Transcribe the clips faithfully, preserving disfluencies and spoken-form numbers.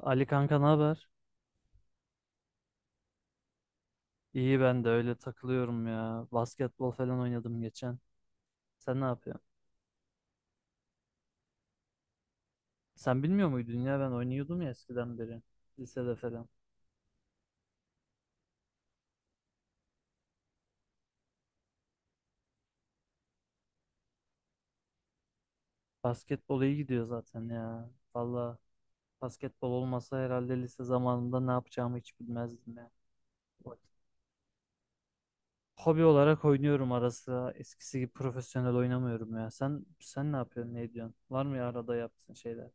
Ali kanka, ne haber? İyi, ben de öyle takılıyorum ya. Basketbol falan oynadım geçen. Sen ne yapıyorsun? Sen bilmiyor muydun ya, ben oynuyordum ya eskiden beri. Lisede falan. Basketbol iyi gidiyor zaten ya. Valla basketbol olmasa herhalde lise zamanında ne yapacağımı hiç bilmezdim ya. Hobi olarak oynuyorum ara sıra. Eskisi gibi profesyonel oynamıyorum ya. Sen sen ne yapıyorsun? Ne ediyorsun? Var mı ya arada yaptığın şeyler?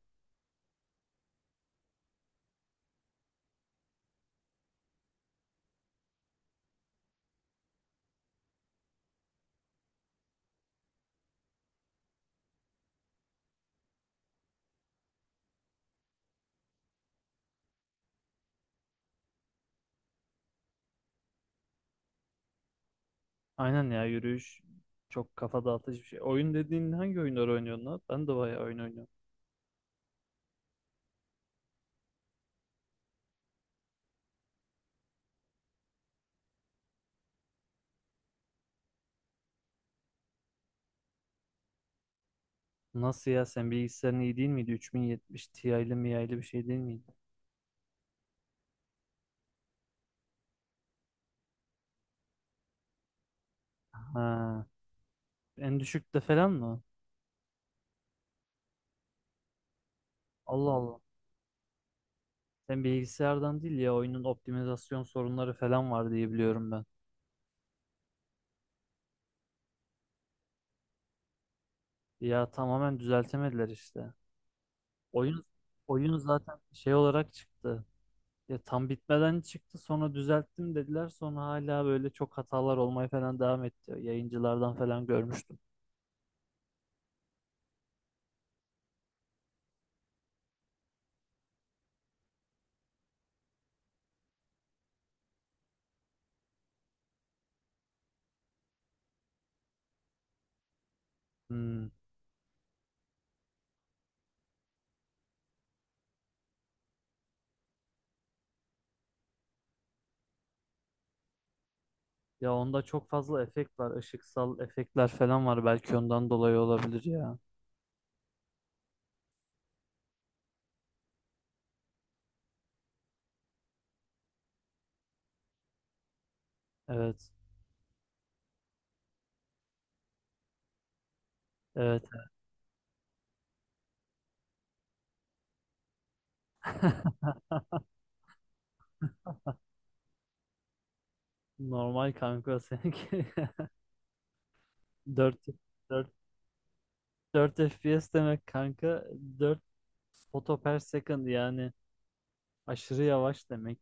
Aynen ya, yürüyüş çok kafa dağıtıcı bir şey. Oyun dediğin hangi oyunları oynuyorsun lan? Ben de bayağı oyun oynuyorum. Nasıl ya, sen bilgisayarın iyi değil miydi? otuz yetmiş Ti'li miya'lı bir şey değil miydi? Ha. En düşükte falan mı? Allah Allah. Sen bilgisayardan değil ya, oyunun optimizasyon sorunları falan var diye biliyorum ben. Ya tamamen düzeltemediler işte. Oyun oyun zaten şey olarak çıktı. Ya tam bitmeden çıktı, sonra düzelttim dediler, sonra hala böyle çok hatalar olmaya falan devam etti. Yayıncılardan falan görmüştüm. Hmm. Ya onda çok fazla efekt var. Işıksal efektler falan var. Belki ondan dolayı olabilir ya. Evet. Evet. Normal kanka seninki. 4 4 dört F P S demek kanka. dört foto per second yani aşırı yavaş demek.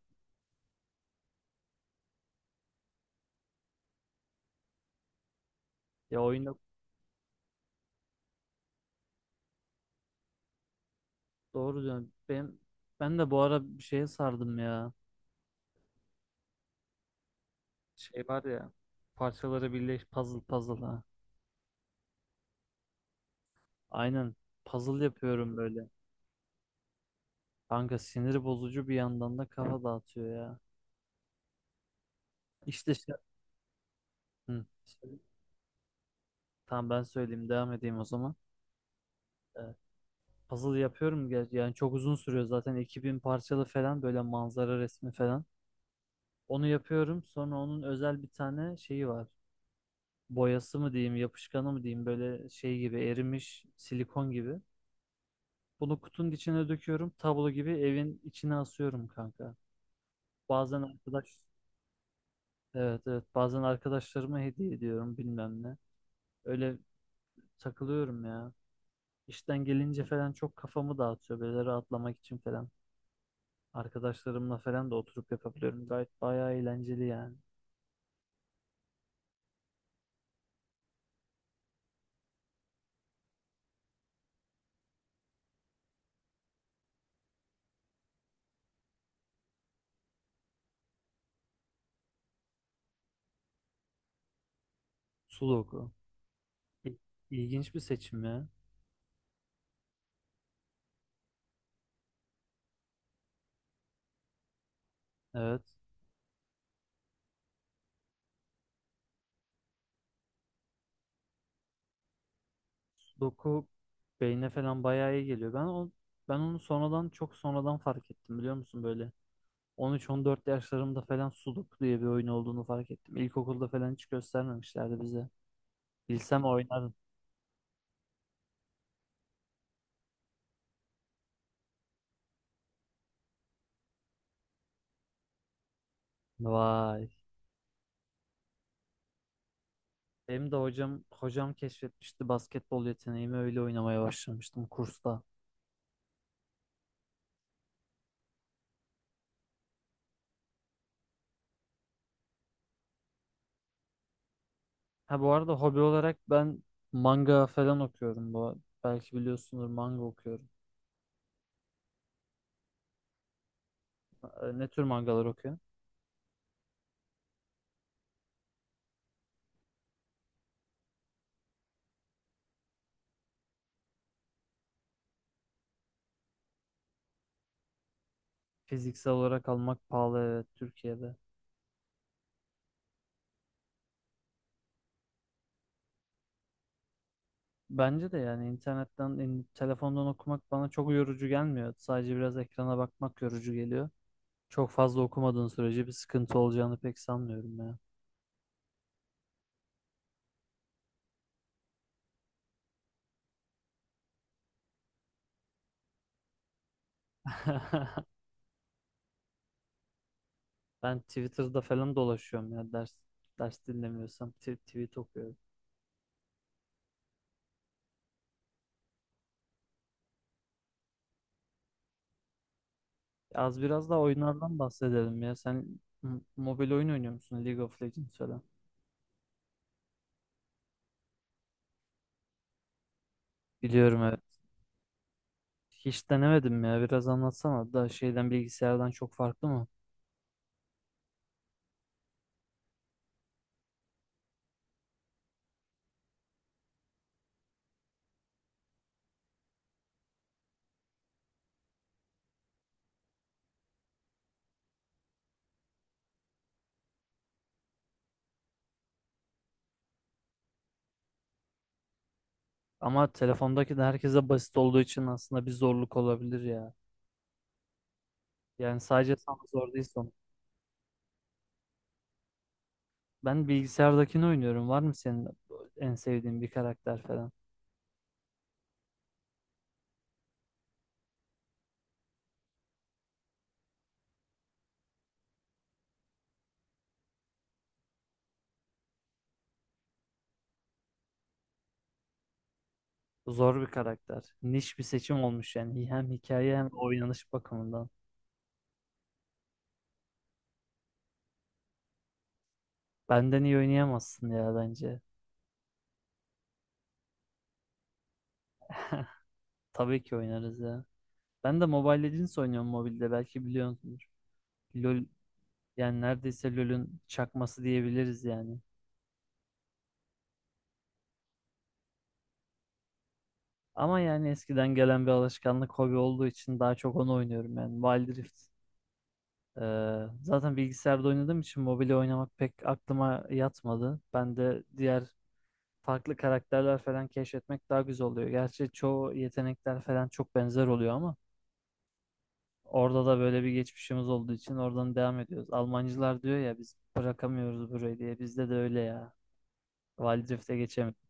Ya oyunda doğru diyorsun. Ben ben de bu ara bir şeye sardım ya. Şey var ya. Parçaları birleş, puzzle puzzle, ha. Aynen. Puzzle yapıyorum böyle. Kanka sinir bozucu, bir yandan da kafa dağıtıyor ya. İşte şey... Hı, söyle. Tamam, ben söyleyeyim, devam edeyim o zaman. Ee, puzzle yapıyorum ger- yani çok uzun sürüyor zaten, iki bin parçalı falan, böyle manzara resmi falan. Onu yapıyorum, sonra onun özel bir tane şeyi var. Boyası mı diyeyim, yapışkanı mı diyeyim, böyle şey gibi, erimiş silikon gibi. Bunu kutunun içine döküyorum, tablo gibi evin içine asıyorum kanka. Bazen arkadaş, evet evet, bazen arkadaşlarıma hediye ediyorum, bilmem ne. Öyle takılıyorum ya. İşten gelince falan çok kafamı dağıtıyor, böyle rahatlamak için falan. Arkadaşlarımla falan da oturup yapabiliyorum. Gayet bayağı eğlenceli yani. Sudoku. İ- İlginç bir seçim ya. Evet. Sudoku beyne falan bayağı iyi geliyor. Ben o ben onu sonradan, çok sonradan fark ettim, biliyor musun, böyle. on üç on dört yaşlarımda falan Sudoku diye bir oyun olduğunu fark ettim. İlkokulda falan hiç göstermemişlerdi bize. Bilsem oynardım. Vay. Benim de hocam hocam keşfetmişti basketbol yeteneğimi, öyle oynamaya başlamıştım kursta. Ha, bu arada hobi olarak ben manga falan okuyorum bu. Belki biliyorsundur, manga okuyorum. E, Ne tür mangalar okuyorum? Fiziksel olarak almak pahalı, evet, Türkiye'de. Bence de yani internetten, in- telefondan okumak bana çok yorucu gelmiyor. Sadece biraz ekrana bakmak yorucu geliyor. Çok fazla okumadığın sürece bir sıkıntı olacağını pek sanmıyorum ya. Ben Twitter'da falan dolaşıyorum ya, ders ders dinlemiyorsam tw- tweet okuyorum. Az biraz da oyunlardan bahsedelim ya. Sen m- mobil oyun oynuyor musun? League of Legends falan. Biliyorum, evet. Hiç denemedim ya. Biraz anlatsana da, şeyden, bilgisayardan çok farklı mı? Ama telefondaki de herkese basit olduğu için aslında bir zorluk olabilir ya. Yani sadece sana zor değil son. Ben bilgisayardakini oynuyorum. Var mı senin en sevdiğin bir karakter falan? Zor bir karakter. Niş bir seçim olmuş yani. Hem hikaye hem oynanış bakımından. Benden iyi oynayamazsın ya bence. Tabii ki oynarız ya. Ben de Mobile Legends oynuyorum mobilde. Belki biliyorsunuz. LoL, yani neredeyse LoL'ün çakması diyebiliriz yani. Ama yani eskiden gelen bir alışkanlık, hobi olduğu için daha çok onu oynuyorum yani. Wild Rift. Ee, zaten bilgisayarda oynadığım için mobile oynamak pek aklıma yatmadı. Ben de diğer farklı karakterler falan keşfetmek daha güzel oluyor. Gerçi çoğu yetenekler falan çok benzer oluyor, ama orada da böyle bir geçmişimiz olduğu için oradan devam ediyoruz. Almancılar diyor ya biz bırakamıyoruz burayı diye. Bizde de öyle ya. Valdrift'e geçemedik.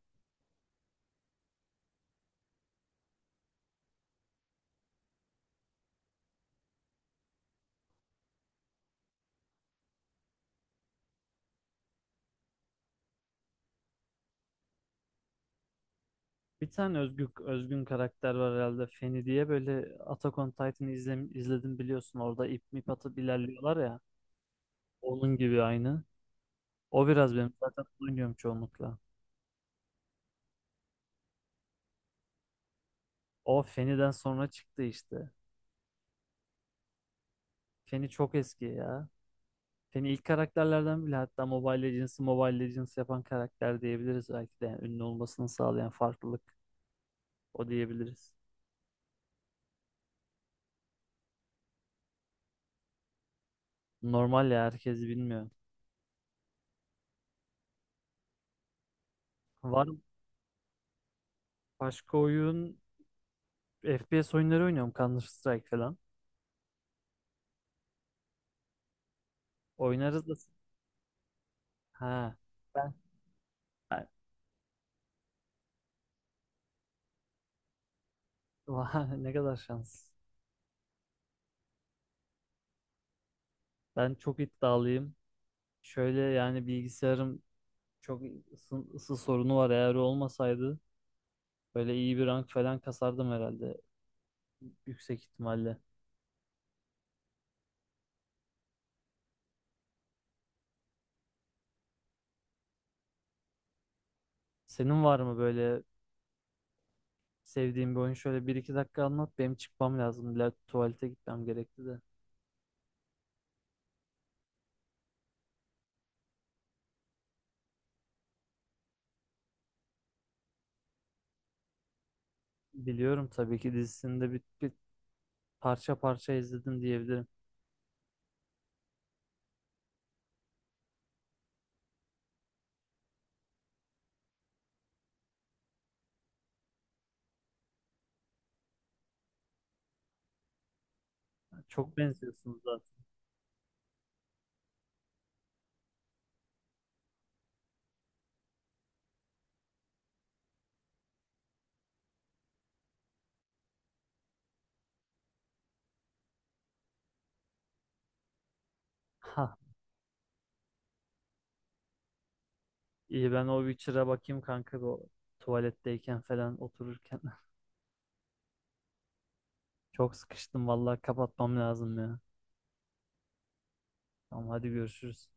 Bir tane özgün, özgün karakter var herhalde, Feni diye, böyle Attack on Titan'ı izlem- izledim biliyorsun, orada ip mip atıp ilerliyorlar ya, onun gibi aynı. O biraz benim, zaten oynuyorum çoğunlukla. O Feni'den sonra çıktı işte. Feni çok eski ya. Seni ilk karakterlerden bile, hatta Mobile Legends'ı Mobile Legends yapan karakter diyebiliriz belki de. Yani ünlü olmasını sağlayan farklılık o diyebiliriz. Normal ya, herkes bilmiyor. Var mı başka oyun? F P S oyunları oynuyorum, Counter Strike falan. Oynarız da. Ha. Ben. ben- Vah, ne kadar şans. Ben çok iddialıyım. Şöyle yani bilgisayarım çok ısı, ısı sorunu var. Eğer olmasaydı böyle iyi bir rank falan kasardım herhalde. Yüksek ihtimalle. Senin var mı böyle sevdiğim bir oyun, şöyle bir iki dakika anlat. Benim çıkmam lazım. İlla tuvalete gitmem gerekti de. Biliyorum tabii ki, dizisini de bir, bir parça parça izledim diyebilirim. Çok benziyorsunuz zaten. Ha, iyi, ben o Witcher'a bakayım kanka, bu o tuvaletteyken falan otururken. Çok sıkıştım vallahi, kapatmam lazım ya. Tamam, hadi görüşürüz.